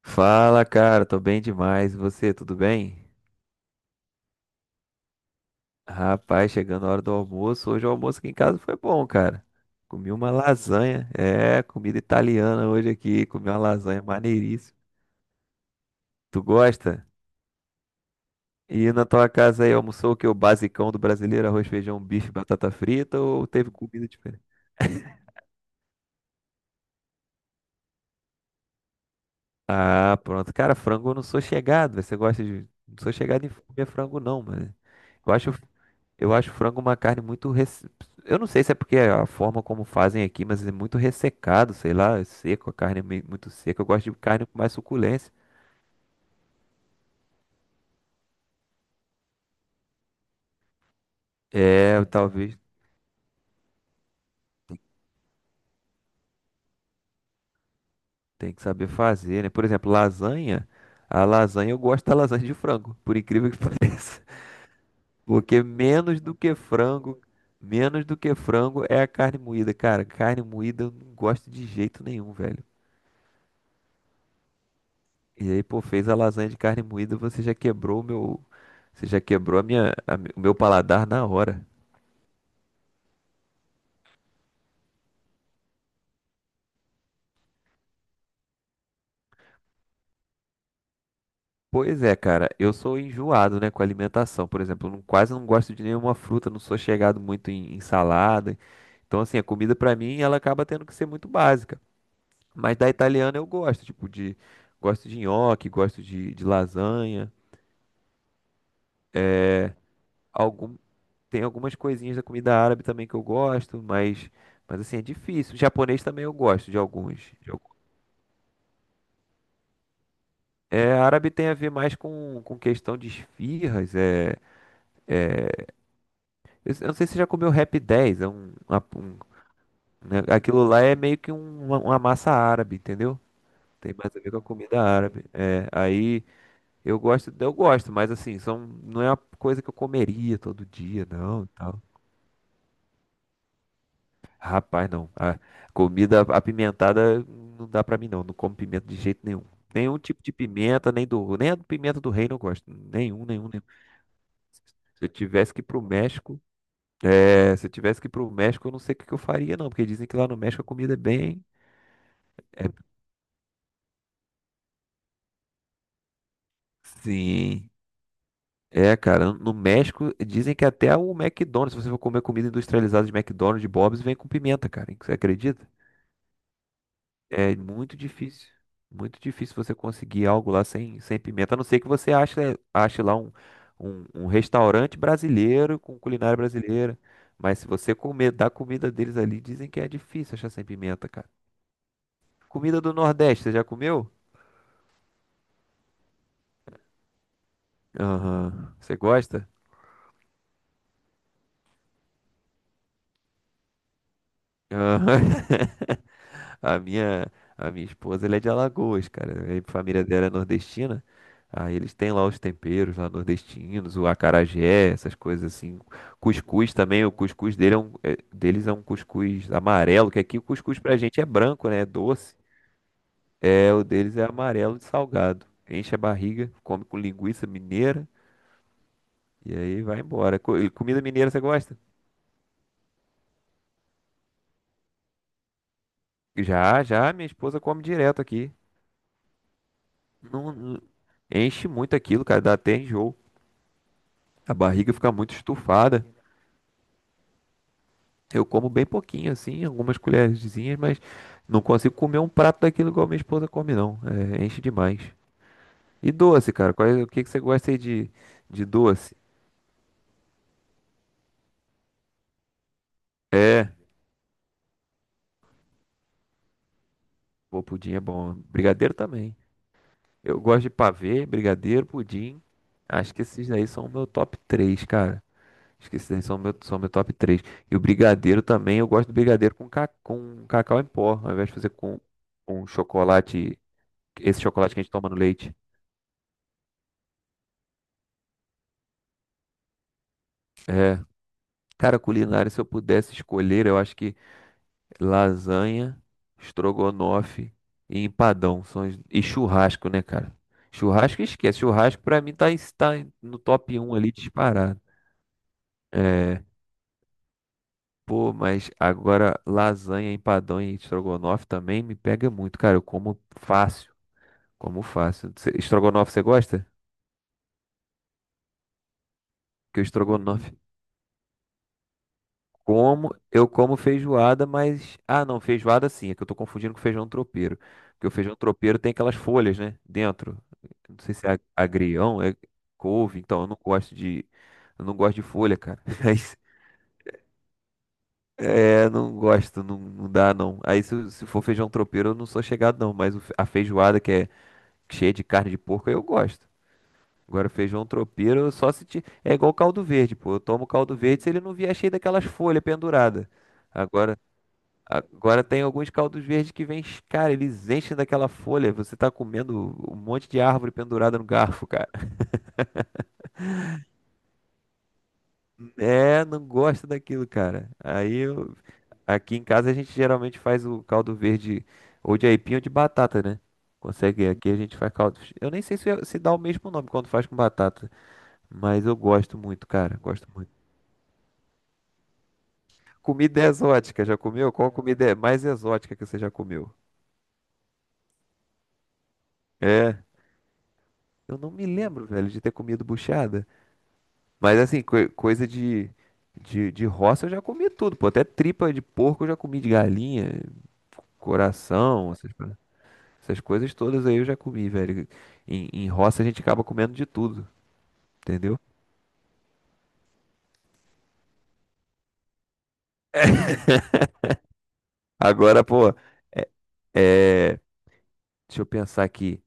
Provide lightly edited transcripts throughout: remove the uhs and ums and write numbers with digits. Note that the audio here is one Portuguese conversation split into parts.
Fala, cara, tô bem demais. E você, tudo bem? Rapaz, chegando a hora do almoço. Hoje o almoço aqui em casa foi bom, cara. Comi uma lasanha. É, comida italiana hoje aqui. Comi uma lasanha maneiríssima. Tu gosta? E na tua casa aí almoçou o que? O basicão do brasileiro, arroz, feijão, bife, batata frita, ou teve comida diferente? Ah, pronto. Cara, frango eu não sou chegado. Você gosta de. Não sou chegado em comer frango, não, mano. Eu acho. Eu acho frango uma carne muito. Eu não sei se é porque é a forma como fazem aqui, mas é muito ressecado, sei lá, é seco, a carne é muito seca. Eu gosto de carne com mais suculência. É, eu talvez tem que saber fazer, né? Por exemplo, lasanha. A lasanha, eu gosto da lasanha de frango, por incrível que pareça. Porque menos do que frango, menos do que frango, é a carne moída. Cara, carne moída eu não gosto de jeito nenhum, velho. E aí, pô, fez a lasanha de carne moída, você já quebrou o meu. Você já quebrou a minha, a mi- o meu paladar na hora. Pois é, cara, eu sou enjoado, né, com alimentação. Por exemplo, eu não, quase não gosto de nenhuma fruta, não sou chegado muito em, em salada. Então, assim, a comida pra mim, ela acaba tendo que ser muito básica. Mas da italiana eu gosto, tipo de gosto de nhoque, gosto de lasanha, algum tem algumas coisinhas da comida árabe também que eu gosto, mas assim, é difícil. Japonês também eu gosto de alguns. É, árabe tem a ver mais com questão de esfirras, é, eu não sei se você já comeu Rap 10, né, aquilo lá é meio que uma massa árabe, entendeu? Tem mais a ver com a comida árabe. É, aí eu gosto, mas assim, não é uma coisa que eu comeria todo dia, não, e tal. Rapaz, não. A comida apimentada não dá pra mim não, não como pimenta de jeito nenhum. Nenhum tipo de pimenta, nem a do pimenta do reino eu gosto. Nenhum, nenhum, nenhum. Se eu tivesse que ir pro México, é, se eu tivesse que ir pro México, eu não sei o que que eu faria, não, porque dizem que lá no México a comida é bem. É, sim. É, cara, no México dizem que até o McDonald's, se você for comer comida industrializada de McDonald's, de Bob's, vem com pimenta, cara. Você acredita? É muito difícil. Muito difícil você conseguir algo lá sem, sem pimenta, a não ser que você ache lá um, um restaurante brasileiro com culinária brasileira. Mas se você comer da comida deles ali, dizem que é difícil achar sem pimenta, cara. Comida do Nordeste, você já comeu? Aham. Você gosta? Aham. A minha, a minha esposa, ela é de Alagoas, cara. A família dela é nordestina. Aí eles têm lá os temperos lá nordestinos, o acarajé, essas coisas assim. Cuscuz também, o cuscuz deles é um cuscuz amarelo, que aqui o cuscuz pra gente é branco, né? É doce. É, o deles é amarelo de salgado. Enche a barriga, come com linguiça mineira e aí vai embora. E comida mineira você gosta? Já, já, minha esposa come direto aqui. Não, enche muito aquilo, cara, dá até enjoo. A barriga fica muito estufada. Eu como bem pouquinho, assim, algumas colherzinhas, mas não consigo comer um prato daquilo igual minha esposa come, não. É, enche demais. E doce, cara? O que que você gosta aí de doce? É, pô, pudim é bom. Brigadeiro também. Eu gosto de pavê, brigadeiro, pudim. Acho que esses daí são o meu top três, cara. Acho que esses daí são o meu top três. E o brigadeiro também, eu gosto do brigadeiro com cacau em pó, ao invés de fazer com chocolate, esse chocolate que a gente toma no leite. Cara, culinária, se eu pudesse escolher, eu acho que lasanha, estrogonofe e empadão e churrasco, né, cara? Churrasco esquece, churrasco pra mim tá em no top um ali disparado. É, pô, mas agora lasanha, empadão e estrogonofe também me pega muito, cara. Eu como fácil, como fácil. Estrogonofe você gosta? Porque o estrogonofe Como eu como feijoada, mas. Ah, não, feijoada sim, é que eu tô confundindo com feijão tropeiro. Porque o feijão tropeiro tem aquelas folhas, né? Dentro. Não sei se é agrião, é couve, então eu não gosto de. Eu não gosto de folha, cara. Mas, é, não gosto, não, não dá não. Aí se for feijão tropeiro, eu não sou chegado não, mas a feijoada que é cheia de carne de porco, eu gosto. Agora, feijão tropeiro, eu só se. É igual caldo verde, pô. Eu tomo caldo verde se ele não vier cheio daquelas folhas penduradas. Agora. Tem alguns caldos verdes que vêm, cara, eles enchem daquela folha. Você tá comendo um monte de árvore pendurada no garfo, cara. É, não gosto daquilo, cara. Aqui em casa a gente geralmente faz o caldo verde ou de aipim ou de batata, né? Consegue, aqui a gente faz caldo. Eu nem sei se dá o mesmo nome quando faz com batata, mas eu gosto muito, cara, gosto muito. Comida é exótica, já comeu? Qual comida é mais exótica que você já comeu? É, eu não me lembro, velho, de ter comido buchada. Mas assim, coisa de, de roça eu já comi tudo, pô. Até tripa de porco eu já comi, de galinha, coração, essas coisas todas aí eu já comi, velho. Em, em roça a gente acaba comendo de tudo, entendeu? Agora, pô, é. Deixa eu pensar aqui.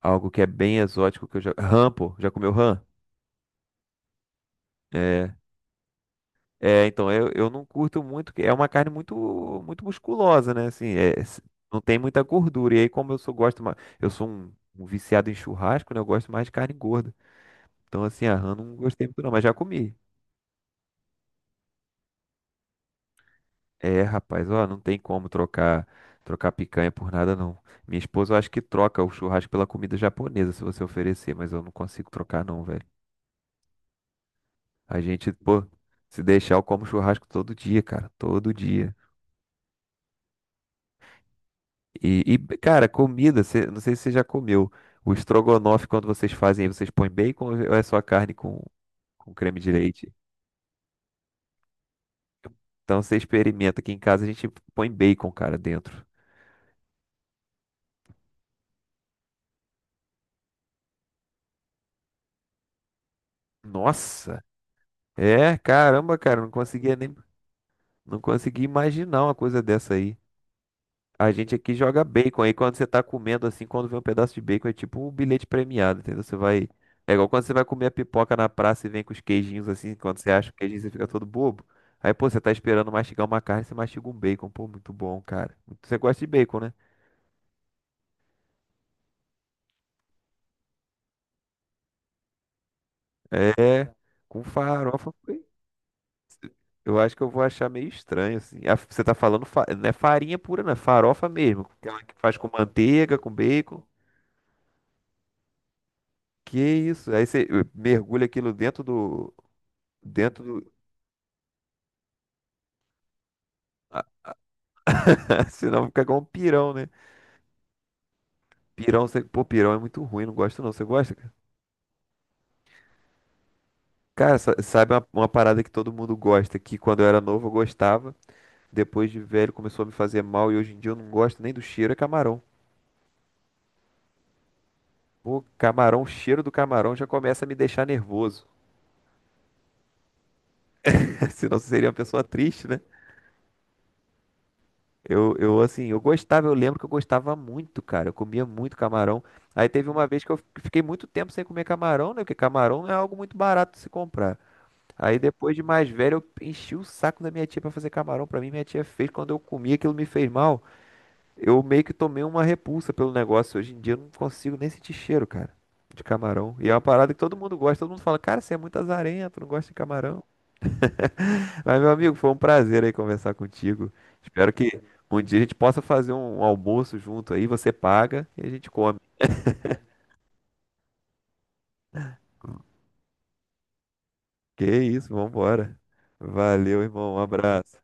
Algo que é bem exótico que eu já. Rã, pô. Já comeu rã? É. É, então, eu não curto muito, que é uma carne muito muito musculosa, né? Assim, não tem muita gordura. E aí, como eu sou, gosto mais, eu sou um, um viciado em churrasco, né? Eu gosto mais de carne gorda. Então, assim, a rã não gostei muito não, mas já comi. É, rapaz, ó, não tem como trocar, trocar picanha por nada, não. Minha esposa, eu acho que troca o churrasco pela comida japonesa, se você oferecer, mas eu não consigo trocar, não, velho. A gente, pô, se deixar, eu como churrasco todo dia, cara, todo dia. E, cara, comida, não sei se você já comeu. O estrogonofe, quando vocês fazem, aí, vocês põem bacon ou é só carne com creme de leite? Então você experimenta. Aqui em casa a gente põe bacon, cara, dentro. Nossa! É, caramba, cara, não conseguia imaginar uma coisa dessa aí. A gente aqui joga bacon. Aí quando você tá comendo assim, quando vem um pedaço de bacon, é tipo um bilhete premiado, entendeu? Você vai. É igual quando você vai comer a pipoca na praça e vem com os queijinhos assim. Quando você acha o queijinho, você fica todo bobo. Aí, pô, você tá esperando mastigar uma carne, você mastiga um bacon. Pô, muito bom, cara. Você gosta de bacon, né? É. Com farofa, eu acho que eu vou achar meio estranho, assim. Você tá falando, não é farinha pura, não, é farofa mesmo. Aquela que faz com manteiga, com bacon. Que isso? Aí você mergulha aquilo dentro do. Dentro do. Senão fica igual um pirão, né? Pirão, você. Pô, pirão é muito ruim, não gosto não. Você gosta, cara? Cara, sabe uma parada que todo mundo gosta, que quando eu era novo eu gostava, depois de velho começou a me fazer mal e hoje em dia eu não gosto nem do cheiro, é camarão. Pô, camarão, o cheiro do camarão já começa a me deixar nervoso. Senão você seria uma pessoa triste, né? Eu, assim, eu lembro que eu gostava muito, cara. Eu comia muito camarão. Aí teve uma vez que eu fiquei muito tempo sem comer camarão, né? Porque camarão é algo muito barato de se comprar. Aí depois de mais velho, eu enchi o saco da minha tia pra fazer camarão pra mim. Minha tia fez, quando eu comi, aquilo me fez mal. Eu meio que tomei uma repulsa pelo negócio. Hoje em dia eu não consigo nem sentir cheiro, cara, de camarão. E é uma parada que todo mundo gosta. Todo mundo fala, cara, você é muito azarento, não gosta de camarão. Mas, meu amigo, foi um prazer aí conversar contigo. Espero que um dia a gente possa fazer um almoço junto aí. Você paga e a gente come. Que isso, vambora. Valeu, irmão. Um abraço.